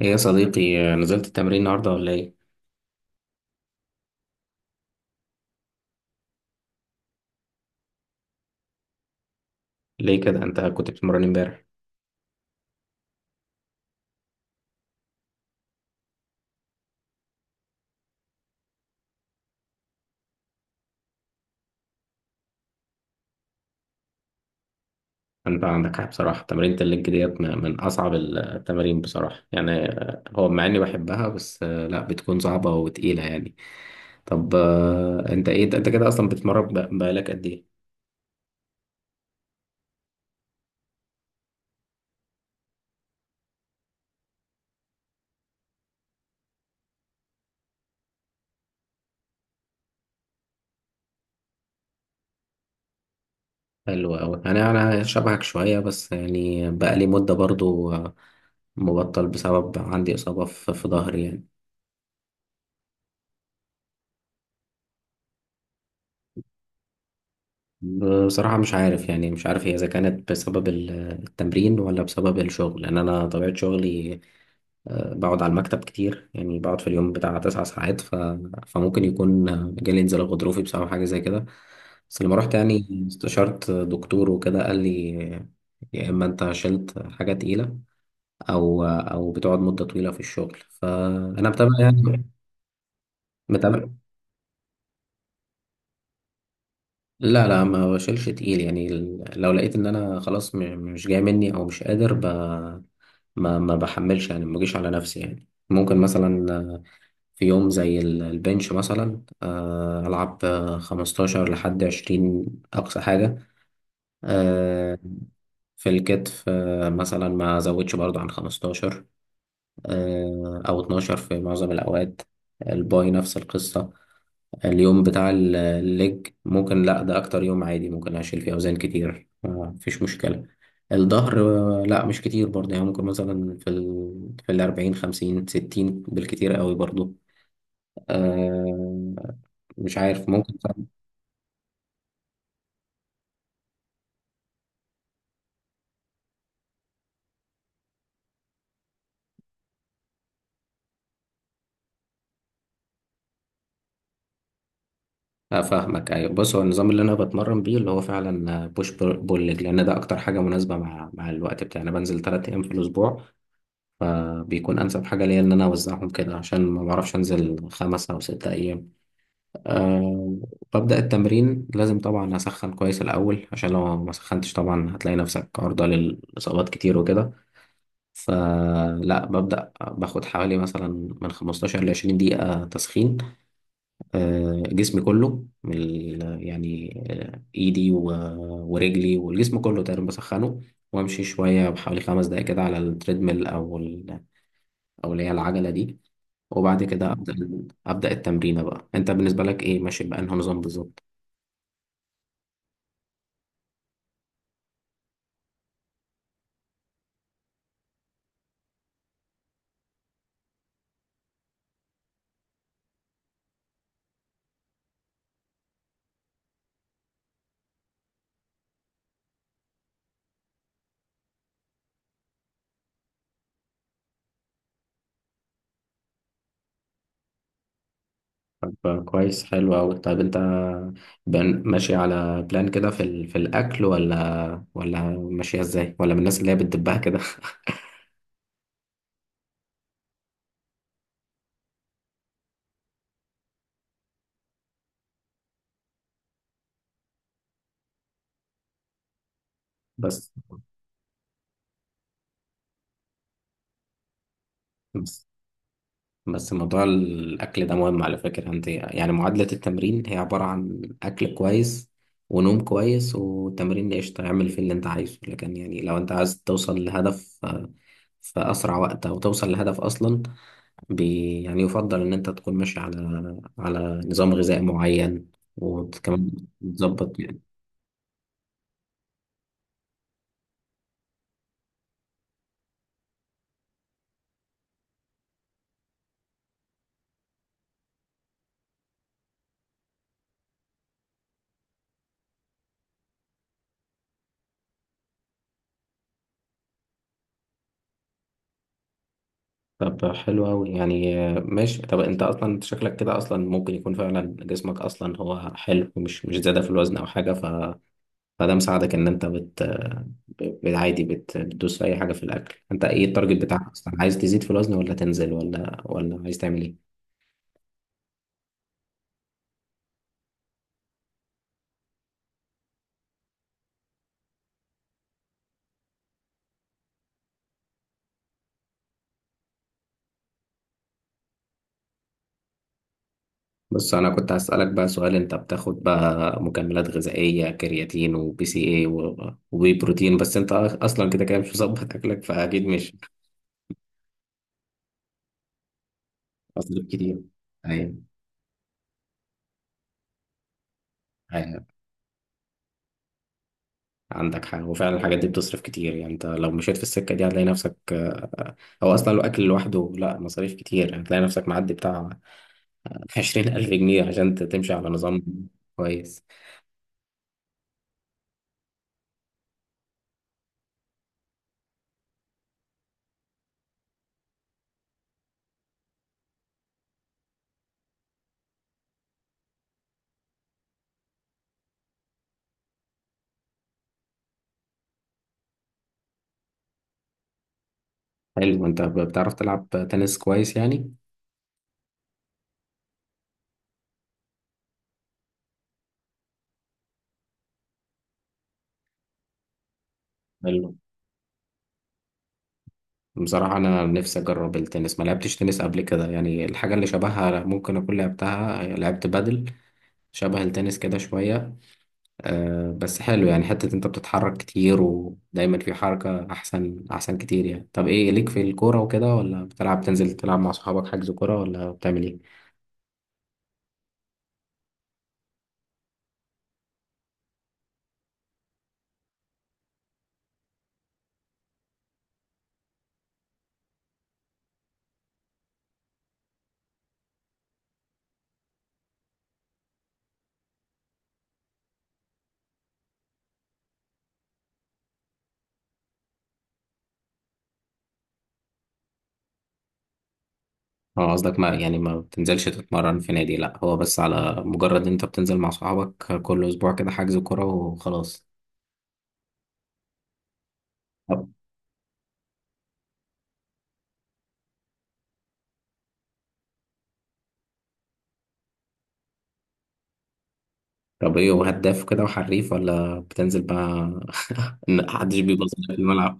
ايه يا صديقي، نزلت التمرين النهارده ولا ايه؟ ليه كده؟ انت كنت بتتمرن امبارح؟ انت عندك حق بصراحة، تمرينة الليج ديت من اصعب التمارين بصراحة يعني. هو مع اني بحبها، بس لا، بتكون صعبة وتقيلة يعني. طب، انت ايه، انت كده اصلا بتتمرن بقالك قد ايه؟ حلو اوي. انا شبهك شوية، بس يعني بقالي مدة برضو، مبطل بسبب عندي اصابة في ظهري يعني. بصراحة مش عارف يعني، مش عارف هي إذا كانت بسبب التمرين ولا بسبب الشغل، لأن أنا طبيعة شغلي بقعد على المكتب كتير، يعني بقعد في اليوم بتاع 9 ساعات، فممكن يكون جالي انزلاق غضروفي بسبب حاجة زي كده. بس لما رحت يعني استشرت دكتور وكده، قال لي يا إما أنت شلت حاجة تقيلة، أو بتقعد مدة طويلة في الشغل، فأنا متابع يعني. متابع. لا لا، ما بشيلش تقيل يعني. لو لقيت ان انا خلاص مش جاي مني او مش قادر، ما بحملش يعني، ما بجيش على نفسي يعني. ممكن مثلا في يوم زي البنش مثلا العب 15 لحد 20، اقصى حاجة. آه، في الكتف مثلا ما ازودش برضو عن 15 أو 12 في معظم الأوقات. الباي نفس القصة. اليوم بتاع الليج ممكن لأ، ده أكتر يوم عادي ممكن أشيل فيه أوزان كتير مفيش مشكلة. الظهر لأ مش كتير برضه يعني، ممكن مثلا في ال في الأربعين خمسين ستين بالكتير قوي برضه آه، مش عارف ممكن. افهمك، ايوه. بص، هو النظام اللي انا بتمرن بيه اللي هو فعلا بوش بول ليج، لان ده اكتر حاجه مناسبه مع الوقت بتاعي. انا بنزل 3 ايام في الاسبوع، فبيكون أنسب حاجة ليا إن أنا أوزعهم كده، عشان ما بعرفش أنزل 5 أو 6 أيام. أه. ببدأ التمرين، لازم طبعا أسخن كويس الأول، عشان لو ما سخنتش طبعا هتلاقي نفسك عرضة للإصابات كتير وكده. فلا، ببدأ باخد حوالي مثلا من 15 ل 20 دقيقة تسخين. أه، جسمي كله من يعني إيدي ورجلي والجسم كله تقريبا بسخنه، وامشي شويه بحوالي 5 دقايق كده على التريدميل او اللي هي العجله دي، وبعد كده أبدأ التمرين بقى. أنت بالنسبة لك إيه، ماشي بأنه نظام بالظبط؟ طب كويس، حلو أوي. طيب أنت ماشي على بلان كده في الأكل، ولا ماشية إزاي، ولا من الناس اللي هي بتدبها كده؟ بس بس بس موضوع الأكل ده مهم على فكرة. أنت يعني معادلة التمرين هي عبارة عن أكل كويس ونوم كويس وتمرين. قشطة، اعمل فيه اللي أنت عايزه، لكن يعني لو أنت عايز توصل لهدف في أسرع وقت، أو توصل لهدف أصلا، يعني يفضل إن أنت تكون ماشي على نظام غذائي معين، وكمان تظبط يعني. طب حلو أوي يعني، ماشي. طب أنت أصلا شكلك كده أصلا، ممكن يكون فعلا جسمك أصلا هو حلو، مش زيادة في الوزن أو حاجة، فده مساعدك إن أنت عادي بتدوس في أي حاجة في الأكل. أنت إيه التارجت بتاعك أصلا، عايز تزيد في الوزن ولا تنزل، ولا عايز تعمل إيه؟ بس انا كنت هسألك بقى سؤال، انت بتاخد بقى مكملات غذائية، كرياتين وبي سي اي وبي بروتين؟ بس انت اصلا كده كده مش مظبط اكلك، فاكيد مش هتصرف كتير. ايوه، ايوه. عندك حاجة، وفعلا الحاجات دي بتصرف كتير يعني. انت لو مشيت في السكة دي هتلاقي نفسك، او اصلا لو اكل لوحده لا، مصاريف كتير، هتلاقي نفسك معدي بتاع 20,000 جنيه عشان تمشي على نظام كويس. حلو. انت بتعرف تلعب تنس كويس يعني؟ حلو. بصراحة أنا نفسي أجرب التنس، ما لعبتش تنس قبل كده يعني. الحاجة اللي شبهها ممكن أكون لعبتها، لعبت بادل شبه التنس كده شوية. أه، بس حلو يعني. حتة أنت بتتحرك كتير ودايما في حركة، أحسن أحسن كتير يعني. طب إيه ليك في الكورة وكده؟ ولا بتلعب، تنزل تلعب مع صحابك، حجز كورة، ولا بتعمل إيه؟ أه، قصدك ما يعني ما بتنزلش تتمرن في نادي، لأ هو بس على مجرد أنت بتنزل مع صحابك كل أسبوع كده حجز كورة وخلاص. طب ايه، وهداف كده وحريف، ولا بتنزل بقى إن محدش بيبص لك في الملعب؟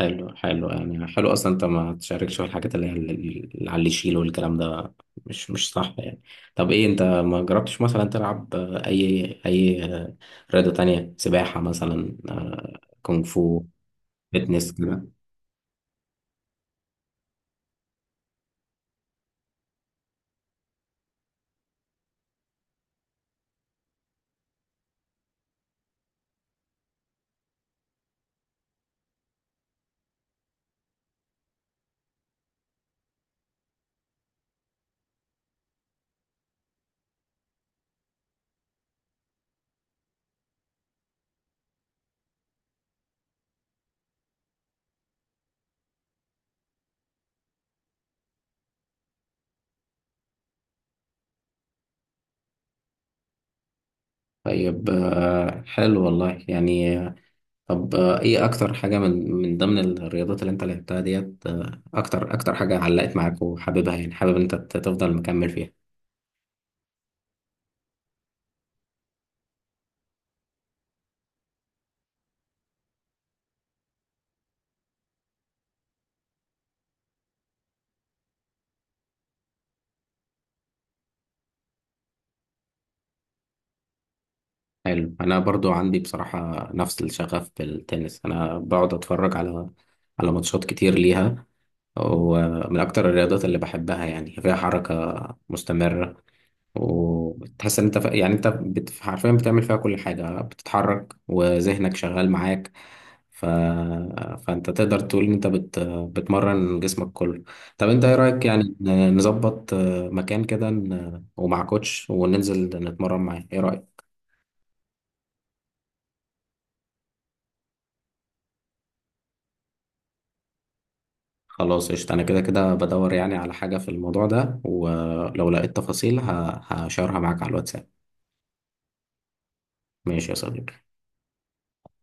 حلو، حلو يعني. حلو اصلا انت ما تشاركش في الحاجات اللي هي اللي على اللي يشيل والكلام ده، مش صح يعني. طب ايه، انت ما جربتش مثلا تلعب اي رياضة تانية؟ سباحة مثلا، كونغ فو، فيتنس كده؟ طيب حلو والله يعني. طب ايه اكتر حاجة من ضمن الرياضات اللي انت لعبتها ديت، اكتر حاجة علقت معاك وحاببها يعني، حابب انت تفضل مكمل فيها؟ حلو. انا برضو عندي بصراحة نفس الشغف بالتنس، انا بقعد اتفرج على ماتشات كتير ليها، ومن اكتر الرياضات اللي بحبها يعني، فيها حركة مستمرة. وتحس ان انت، يعني انت حرفيا بتعمل فيها كل حاجة، بتتحرك وذهنك شغال معاك، ف... فانت تقدر تقول ان انت بتمرن جسمك كله. طب انت ايه رأيك يعني، نظبط مكان كده، ومع كوتش وننزل نتمرن معاه، ايه رأيك؟ خلاص قشطة، انا كده كده بدور يعني على حاجة في الموضوع ده، ولو لقيت تفاصيل هشارها معاك على الواتساب. ماشي يا صديقي.